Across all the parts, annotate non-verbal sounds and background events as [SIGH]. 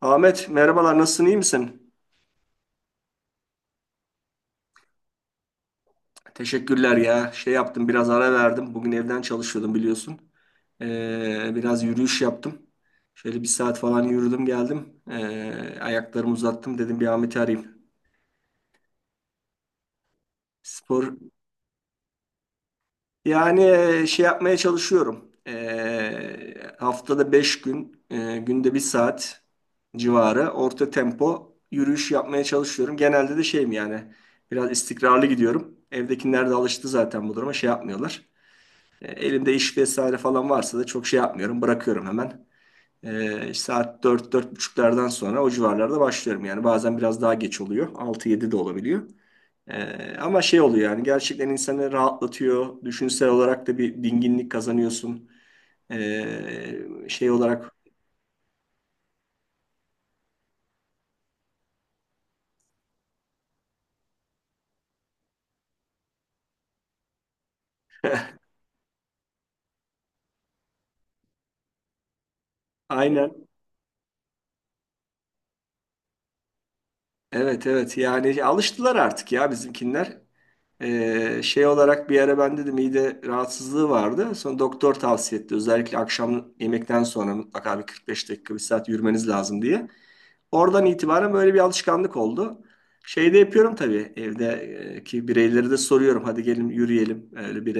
Ahmet merhabalar, nasılsın, iyi misin? Teşekkürler ya, şey yaptım, biraz ara verdim. Bugün evden çalışıyordum, biliyorsun. Biraz yürüyüş yaptım. Şöyle bir saat falan yürüdüm geldim. Ayaklarımı uzattım, dedim bir Ahmet'i arayayım. Spor yani, şey yapmaya çalışıyorum. Haftada 5 gün, günde bir saat civarı orta tempo yürüyüş yapmaya çalışıyorum. Genelde de şeyim yani, biraz istikrarlı gidiyorum. Evdekiler de alıştı zaten bu duruma, şey yapmıyorlar. Elimde iş vesaire falan varsa da çok şey yapmıyorum. Bırakıyorum hemen. E, işte saat dört, dört buçuklardan sonra o civarlarda başlıyorum. Yani bazen biraz daha geç oluyor, altı yedi de olabiliyor. Ama şey oluyor yani, gerçekten insanı rahatlatıyor. Düşünsel olarak da bir dinginlik kazanıyorsun. E, Şey olarak... Aynen. Evet, evet, yani alıştılar artık ya bizimkinler. Şey olarak bir ara ben de mide rahatsızlığı vardı. Sonra doktor tavsiye etti. Özellikle akşam yemekten sonra mutlaka bir 45 dakika bir saat yürümeniz lazım diye. Oradan itibaren böyle bir alışkanlık oldu. Şeyde yapıyorum tabii, evdeki bireyleri de soruyorum. Hadi gelin yürüyelim. Öyle bir...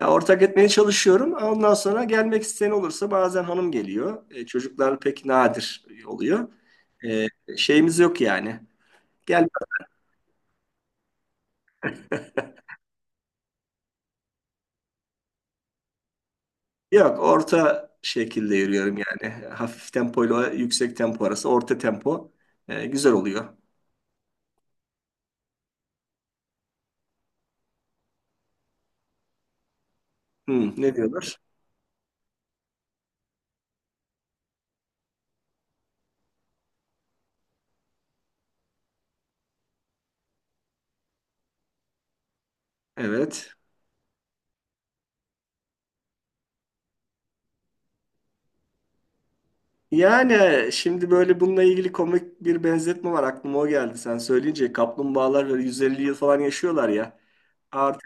Ya, ortak etmeye çalışıyorum. Ondan sonra gelmek isteyen olursa bazen hanım geliyor. Çocuklar pek nadir oluyor. E, Şeyimiz yok yani. Gel... Yok, orta şekilde yürüyorum yani. Hafif tempoyla yüksek tempo arası, orta tempo. Güzel oluyor. Hmm, ne diyorlar? Evet. Yani şimdi böyle bununla ilgili komik bir benzetme var, aklıma o geldi. Sen söyleyince kaplumbağalar böyle 150 yıl falan yaşıyorlar ya. Ar-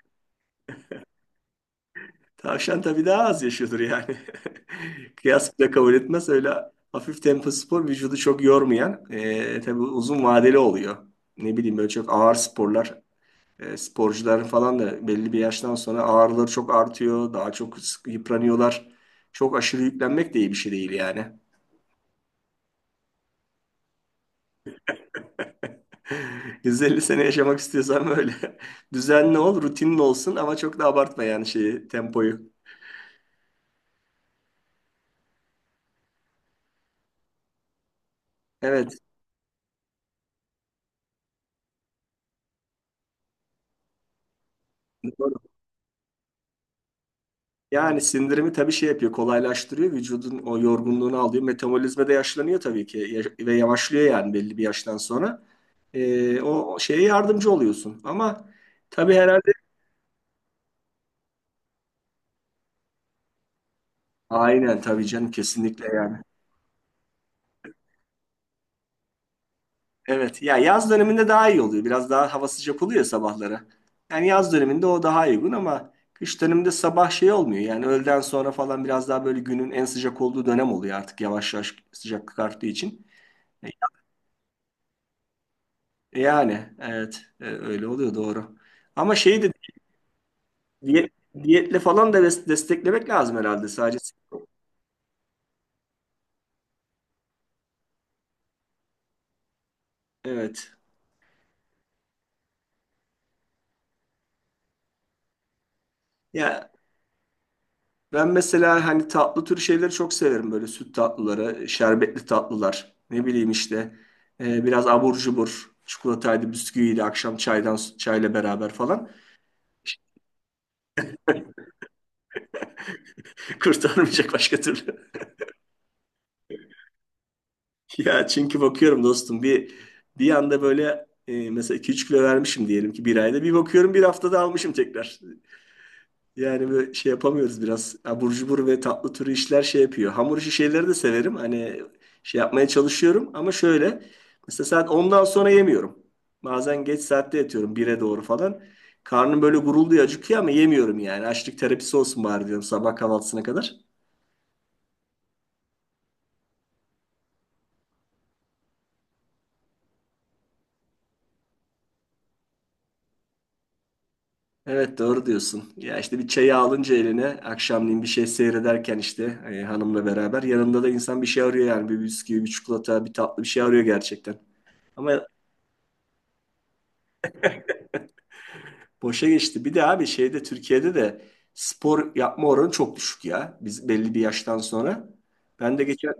Tavşan tabii daha az yaşıyordur yani. [LAUGHS] Kıyas bile kabul etmez. Öyle hafif tempo spor, vücudu çok yormayan, tabii uzun vadeli oluyor. Ne bileyim böyle çok ağır sporlar, sporcuların falan da belli bir yaştan sonra ağrıları çok artıyor. Daha çok yıpranıyorlar. Çok aşırı yüklenmek de iyi bir şey değil yani. [LAUGHS] 150 sene yaşamak istiyorsan böyle [LAUGHS] düzenli ol, rutinli olsun, ama çok da abartma yani şeyi, tempoyu. Evet. Yani sindirimi tabii şey yapıyor, kolaylaştırıyor. Vücudun o yorgunluğunu alıyor. Metabolizma da yaşlanıyor tabii ki, ve yavaşlıyor yani belli bir yaştan sonra. O şeye yardımcı oluyorsun. Ama tabii herhalde... Aynen, tabii canım, kesinlikle yani. Evet ya, yaz döneminde daha iyi oluyor. Biraz daha hava sıcak oluyor ya sabahları. Yani yaz döneminde o daha uygun, ama kış döneminde sabah şey olmuyor. Yani öğleden sonra falan biraz daha böyle günün en sıcak olduğu dönem oluyor artık, yavaş yavaş sıcaklık arttığı için. Yani evet, öyle oluyor doğru. Ama şeyi de diyet, diyetle falan da desteklemek lazım herhalde sadece. Evet. Ya ben mesela hani tatlı tür şeyleri çok severim, böyle süt tatlıları, şerbetli tatlılar. Ne bileyim işte, biraz abur cubur, çikolataydı, bisküviydi, akşam çaydan çayla beraber falan. [LAUGHS] Kurtarmayacak başka türlü. [LAUGHS] Ya çünkü bakıyorum dostum, bir anda böyle, mesela 2-3 kilo vermişim diyelim ki bir ayda. Bir bakıyorum bir haftada almışım tekrar. Yani böyle şey yapamıyoruz biraz. Abur cubur ve tatlı türü işler şey yapıyor. Hamur işi şeyleri de severim. Hani şey yapmaya çalışıyorum, ama şöyle. Mesela saat ondan sonra yemiyorum. Bazen geç saatte yatıyorum, bire doğru falan. Karnım böyle gurulduyor, acıkıyor, ama yemiyorum yani. Açlık terapisi olsun bari diyorum, sabah kahvaltısına kadar. Evet, doğru diyorsun. Ya işte bir çayı alınca eline akşamleyin bir şey seyrederken işte, hanımla beraber yanında da insan bir şey arıyor yani, bir bisküvi, bir çikolata, bir tatlı bir şey arıyor gerçekten. Ama... Boşa geçti. Bir de abi şeyde Türkiye'de de spor yapma oranı çok düşük ya. Biz belli bir yaştan sonra. Ben de geçen...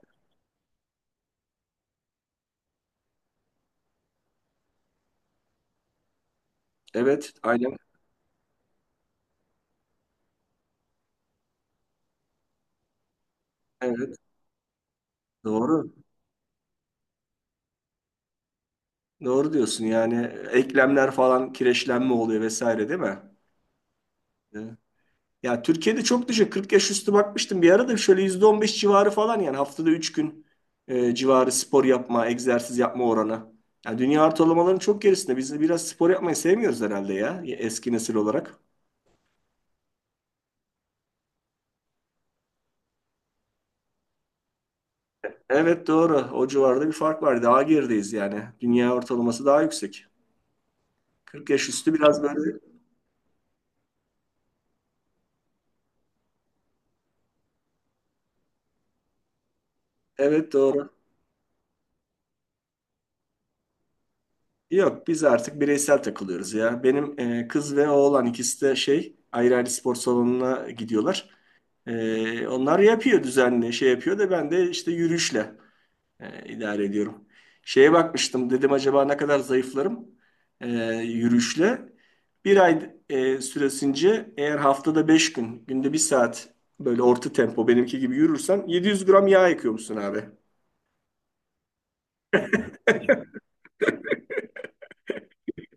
Evet, aynen. Evet, doğru. Doğru diyorsun yani, eklemler falan kireçlenme oluyor vesaire, değil mi? Evet. Ya Türkiye'de çok düşük. 40 yaş üstü bakmıştım bir arada, şöyle %15 civarı falan yani, haftada 3 gün, civarı spor yapma, egzersiz yapma oranı. Yani dünya ortalamalarının çok gerisinde. Biz de biraz spor yapmayı sevmiyoruz herhalde ya, eski nesil olarak. Evet, doğru. O civarda bir fark var. Daha gerideyiz yani. Dünya ortalaması daha yüksek. 40 yaş üstü biraz böyle. Evet, doğru. Yok, biz artık bireysel takılıyoruz ya. Benim kız ve oğlan ikisi de şey ayrı ayrı spor salonuna gidiyorlar. Onlar yapıyor düzenli, şey yapıyor da, ben de işte yürüyüşle. İdare ediyorum. Şeye bakmıştım, dedim acaba ne kadar zayıflarım, e, yürüyüşle. Bir ay süresince eğer haftada 5 gün günde bir saat böyle orta tempo benimki gibi yürürsen 700 gram yağ yakıyormuşsun abi.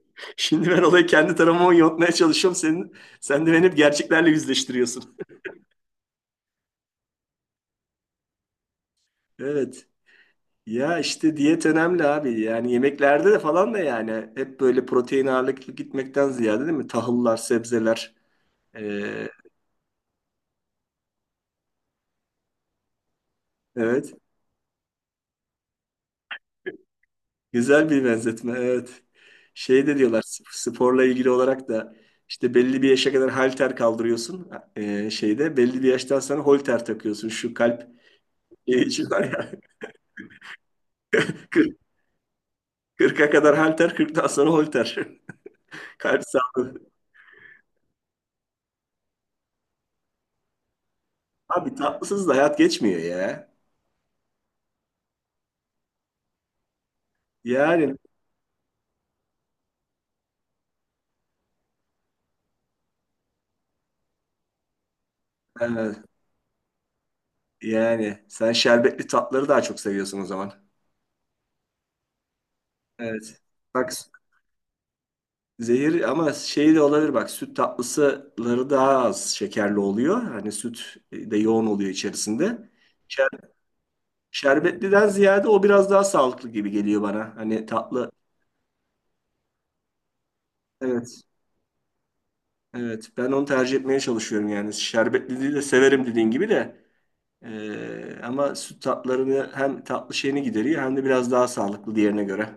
[LAUGHS] Şimdi ben olayı kendi tarafıma yontmaya çalışıyorum. Sen de beni hep gerçeklerle yüzleştiriyorsun. [LAUGHS] Evet. Ya işte diyet önemli abi. Yani yemeklerde de falan da yani hep böyle protein ağırlıklı gitmekten ziyade, değil mi? Tahıllar, sebzeler. E, evet. Güzel bir benzetme, evet. Şey de diyorlar sporla ilgili olarak da işte belli bir yaşa kadar halter kaldırıyorsun, şeyde belli bir yaştan sonra holter takıyorsun. Şu kalp, şu var ya [LAUGHS] 40, 40'a kadar halter 40'tan sonra holter. [LAUGHS] Kalp sağlığı. Abi tatlısız da hayat geçmiyor ya. Yani e, yani sen şerbetli tatları daha çok seviyorsun o zaman. Evet. Bak... Zehir, ama şey de olabilir bak, süt tatlısıları daha az şekerli oluyor. Hani süt, de yoğun oluyor içerisinde. Şer- Şerbetliden ziyade o biraz daha sağlıklı gibi geliyor bana. Hani tatlı... Evet, evet, ben onu tercih etmeye çalışıyorum yani. Şerbetliliği de severim dediğin gibi de. Ama süt tatlarını hem tatlı şeyini gideriyor hem de biraz daha sağlıklı diğerine göre.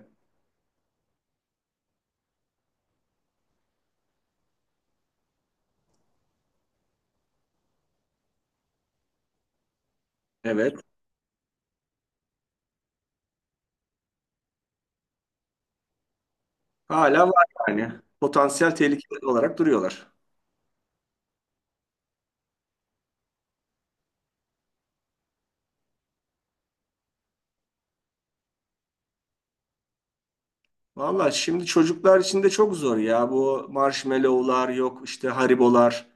Evet, hala var yani, potansiyel tehlike olarak duruyorlar. Valla şimdi çocuklar için de çok zor ya. Bu marshmallow'lar yok, işte haribolar,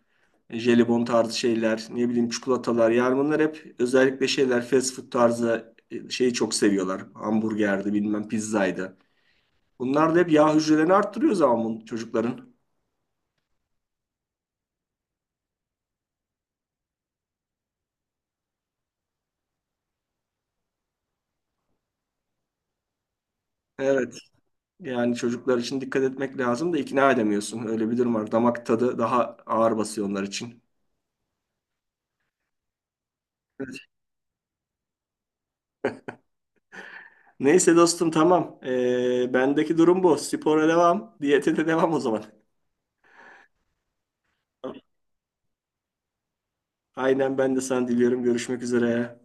jelibon tarzı şeyler, ne bileyim çikolatalar. Yani bunlar hep özellikle şeyler fast food tarzı, şeyi çok seviyorlar. Hamburgerdi bilmem pizzaydı. Bunlar da hep yağ hücrelerini arttırıyor zaman bu çocukların. Evet, yani çocuklar için dikkat etmek lazım da ikna edemiyorsun. Öyle bir durum var. Damak tadı daha ağır basıyor onlar için. Neyse dostum, tamam. Bendeki durum bu. Spora devam, diyete de devam o zaman. Aynen, ben de sana diliyorum. Görüşmek üzere.